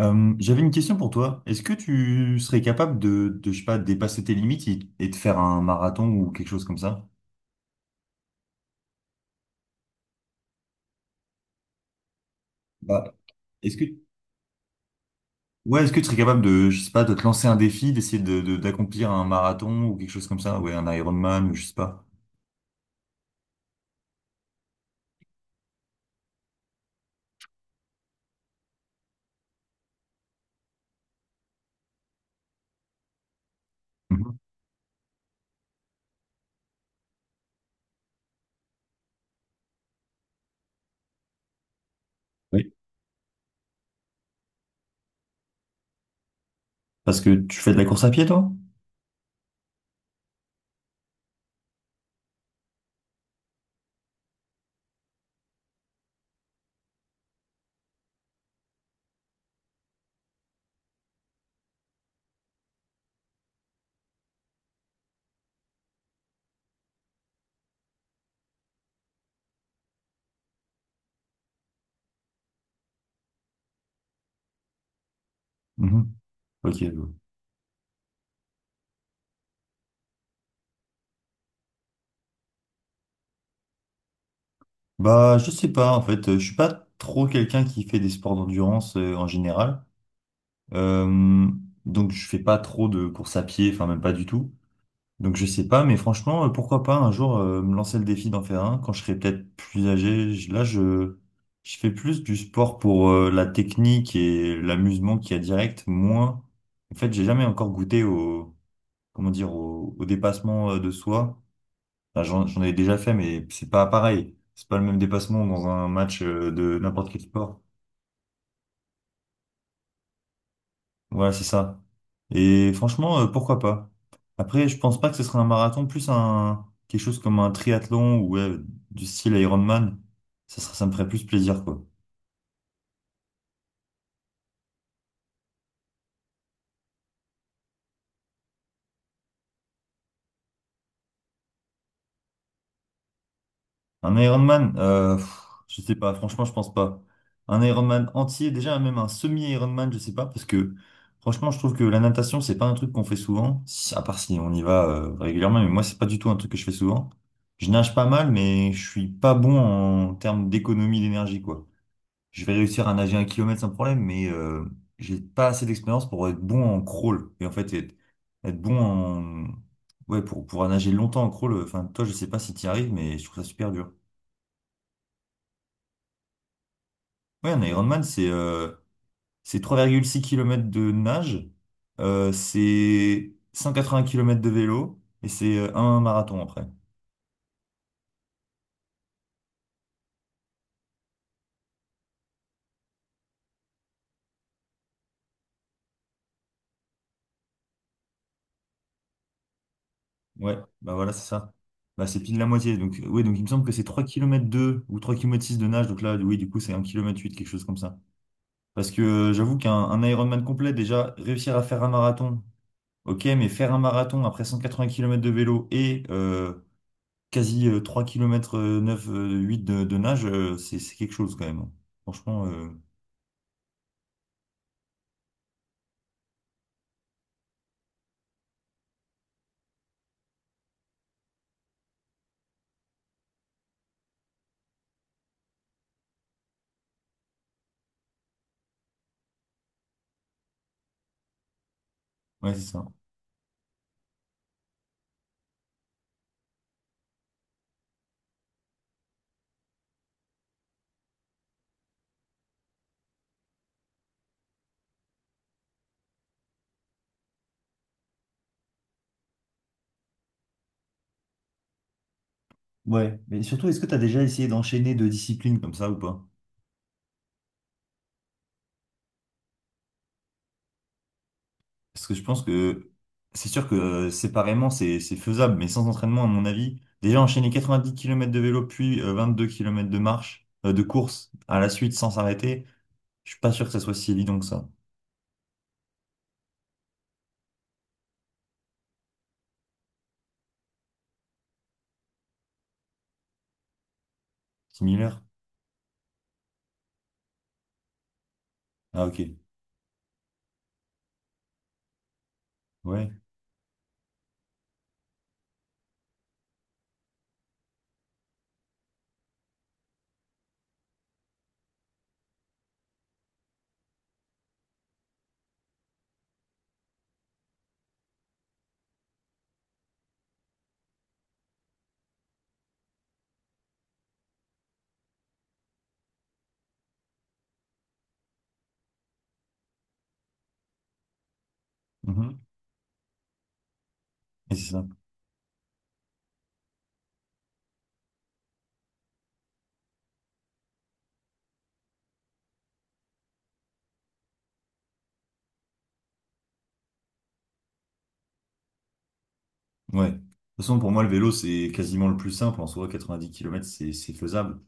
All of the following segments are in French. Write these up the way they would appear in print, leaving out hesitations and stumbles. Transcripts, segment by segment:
J'avais une question pour toi. Est-ce que tu serais capable de, je sais pas, dépasser tes limites et de faire un marathon ou quelque chose comme ça? Bah, est-ce que, ouais, Est-ce que tu serais capable de, je sais pas, de te lancer un défi, d'essayer d'accomplir un marathon ou quelque chose comme ça? Ouais, un Ironman, je sais pas. Mhm. Oui. Parce que tu fais de la course à pied, toi? Mhm. Ok, je vois. Bah, je sais pas, en fait, je suis pas trop quelqu'un qui fait des sports d'endurance en général. Euh, donc, je fais pas trop de course à pied, enfin, même pas du tout. Donc je sais pas, mais franchement, pourquoi pas un jour me lancer le défi d'en faire un quand je serai peut-être plus âgé. Là, je fais plus du sport pour la technique et l'amusement qu'il y a direct, moins. En fait, j'ai jamais encore goûté au comment dire au, au dépassement de soi. Enfin, j'en ai déjà fait, mais c'est pas pareil. C'est pas le même dépassement dans un match de n'importe quel sport. Ouais, c'est ça. Et franchement, pourquoi pas? Après, je pense pas que ce serait un marathon, plus un quelque chose comme un triathlon ou ouais, du style Ironman. Ça me ferait plus plaisir, quoi. Un Ironman, je sais pas. Franchement, je pense pas. Un Ironman entier, déjà même un semi-Ironman, je sais pas, parce que franchement, je trouve que la natation, c'est pas un truc qu'on fait souvent, à part si on y va régulièrement. Mais moi, c'est pas du tout un truc que je fais souvent. Je nage pas mal, mais je suis pas bon en termes d'économie d'énergie, quoi. Je vais réussir à nager 1 km sans problème, mais j'ai pas assez d'expérience pour être bon en crawl. Et en fait, être bon en... Ouais, pour pouvoir nager longtemps en crawl, enfin, toi, je sais pas si tu y arrives, mais je trouve ça super dur. Ouais, un Ironman, c'est 3,6 km de nage, c'est 180 kilomètres de vélo, et c'est un marathon après. Ouais, bah voilà, c'est ça. Bah, c'est pile la moitié. Donc, ouais, donc il me semble que c'est 3,2 km ou 3,6 km de nage. Donc là, oui, du coup, c'est 1,8 km, quelque chose comme ça. Parce que j'avoue qu'un un Ironman complet, déjà, réussir à faire un marathon, ok, mais faire un marathon après 180 km de vélo et quasi 3 km 9, de nage, c'est quelque chose quand même. Franchement, ouais, c'est ça. Ouais, mais surtout, est-ce que tu as déjà essayé d'enchaîner deux disciplines comme ça ou pas? Parce que je pense que c'est sûr que séparément, c'est faisable, mais sans entraînement, à mon avis, déjà enchaîner 90 km de vélo, puis 22 km de marche, de course à la suite sans s'arrêter. Je suis pas sûr que ça soit si évident que ça. Similaire? Ah, ok. Ouais. Mhm. Et c'est ça. Ouais. De toute façon, pour moi, le vélo, c'est quasiment le plus simple. En soi, 90 kilomètres, c'est faisable.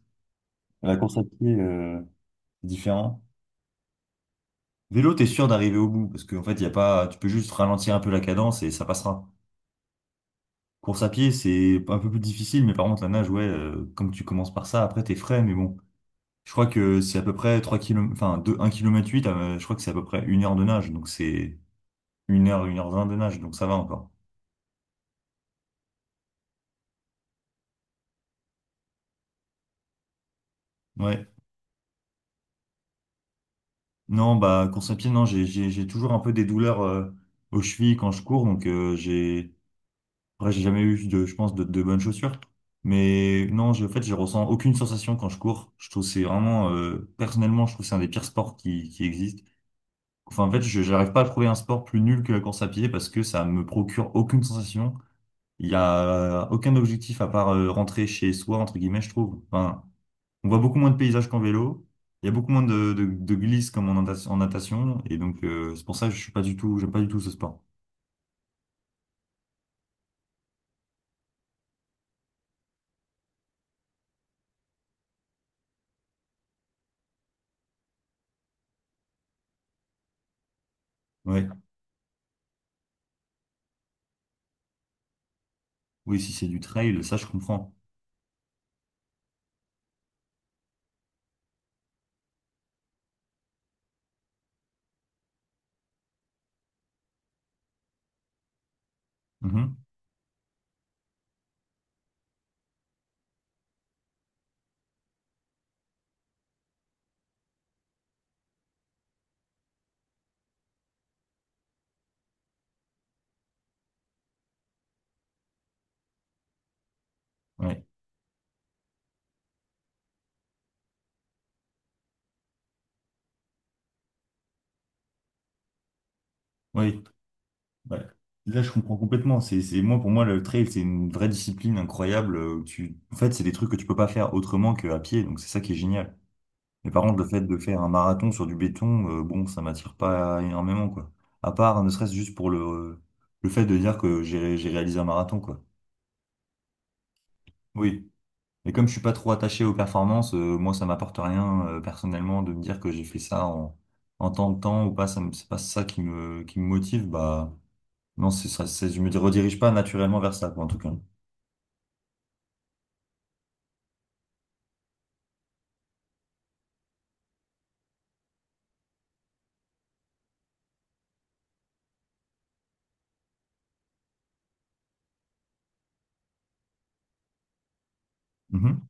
La course à pied, c'est différent. Vélo, t'es sûr d'arriver au bout parce qu'en fait, y a pas, tu peux juste ralentir un peu la cadence et ça passera. Course à pied, c'est un peu plus difficile, mais par contre, la nage, ouais, comme tu commences par ça, après, t'es frais, mais bon. Je crois que c'est à peu près 3 km, enfin, 2, 1 km 8, je crois que c'est à peu près 1 h de nage, donc c'est 1 h, 1 h 20 de nage, donc ça va encore. Ouais. Non, bah, course à pied, non, j'ai toujours un peu des douleurs aux chevilles quand je cours, donc j'ai après, j'ai jamais eu, de, je pense, de bonnes chaussures. Mais non, je, en fait, je ressens aucune sensation quand je cours. Je trouve que c'est vraiment, personnellement, je trouve que c'est un des pires sports qui existe. Enfin, en fait, je n'arrive pas à trouver un sport plus nul que la course à pied parce que ça me procure aucune sensation. Il y a aucun objectif à part rentrer chez soi, entre guillemets, je trouve. Enfin, on voit beaucoup moins de paysages qu'en vélo. Il y a beaucoup moins de glisses comme en natation. Et donc, c'est pour ça que je suis pas du tout, j'aime pas du tout ce sport. Ouais. Oui, si c'est du trail, ça, je comprends. Mhm. Ouais. Oui. Ouais. Là, je comprends complètement. Moi, pour moi, le trail, c'est une vraie discipline incroyable. Où Tu, en fait, c'est des trucs que tu peux pas faire autrement qu'à pied. Donc, c'est ça qui est génial. Mais par contre, le fait de faire un marathon sur du béton, bon, ça m'attire pas énormément, quoi. À part, ne serait-ce juste pour le fait de dire que j'ai réalisé un marathon, quoi. Oui. Et comme je suis pas trop attaché aux performances, moi ça m'apporte rien personnellement de me dire que j'ai fait ça en, en tant de temps ou pas, ça me, c'est pas ça qui me motive, bah non, c'est ça, c'est, je me redirige pas naturellement vers ça, quoi, en tout cas. Mhm.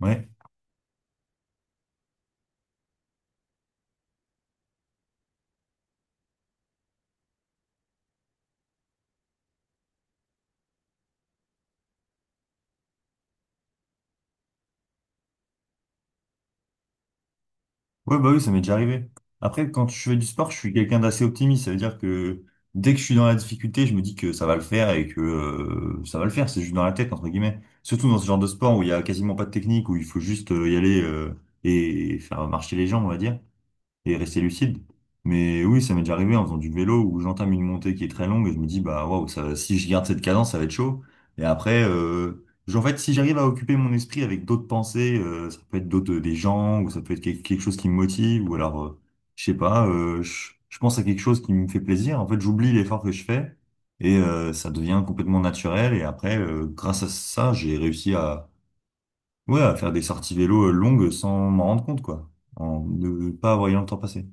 Ouais. Ouais, bah oui, ça m'est déjà arrivé. Après, quand je fais du sport, je suis quelqu'un d'assez optimiste, ça veut dire que dès que je suis dans la difficulté, je me dis que ça va le faire et que ça va le faire, c'est juste dans la tête, entre guillemets. Surtout dans ce genre de sport où il y a quasiment pas de technique, où il faut juste y aller et faire marcher les jambes, on va dire, et rester lucide. Mais oui, ça m'est déjà arrivé en faisant du vélo où j'entame une montée qui est très longue et je me dis, bah waouh, ça, si je garde cette cadence, ça va être chaud. Et après, en fait, si j'arrive à occuper mon esprit avec d'autres pensées, ça peut être d'autres, des gens, ou ça peut être quelque chose qui me motive, ou alors, je sais pas, je pense à quelque chose qui me fait plaisir. En fait, j'oublie l'effort que je fais et ça devient complètement naturel. Et après, grâce à ça, j'ai réussi à, ouais, à faire des sorties vélo longues sans m'en rendre compte, quoi, en ne pas voyant le temps passer.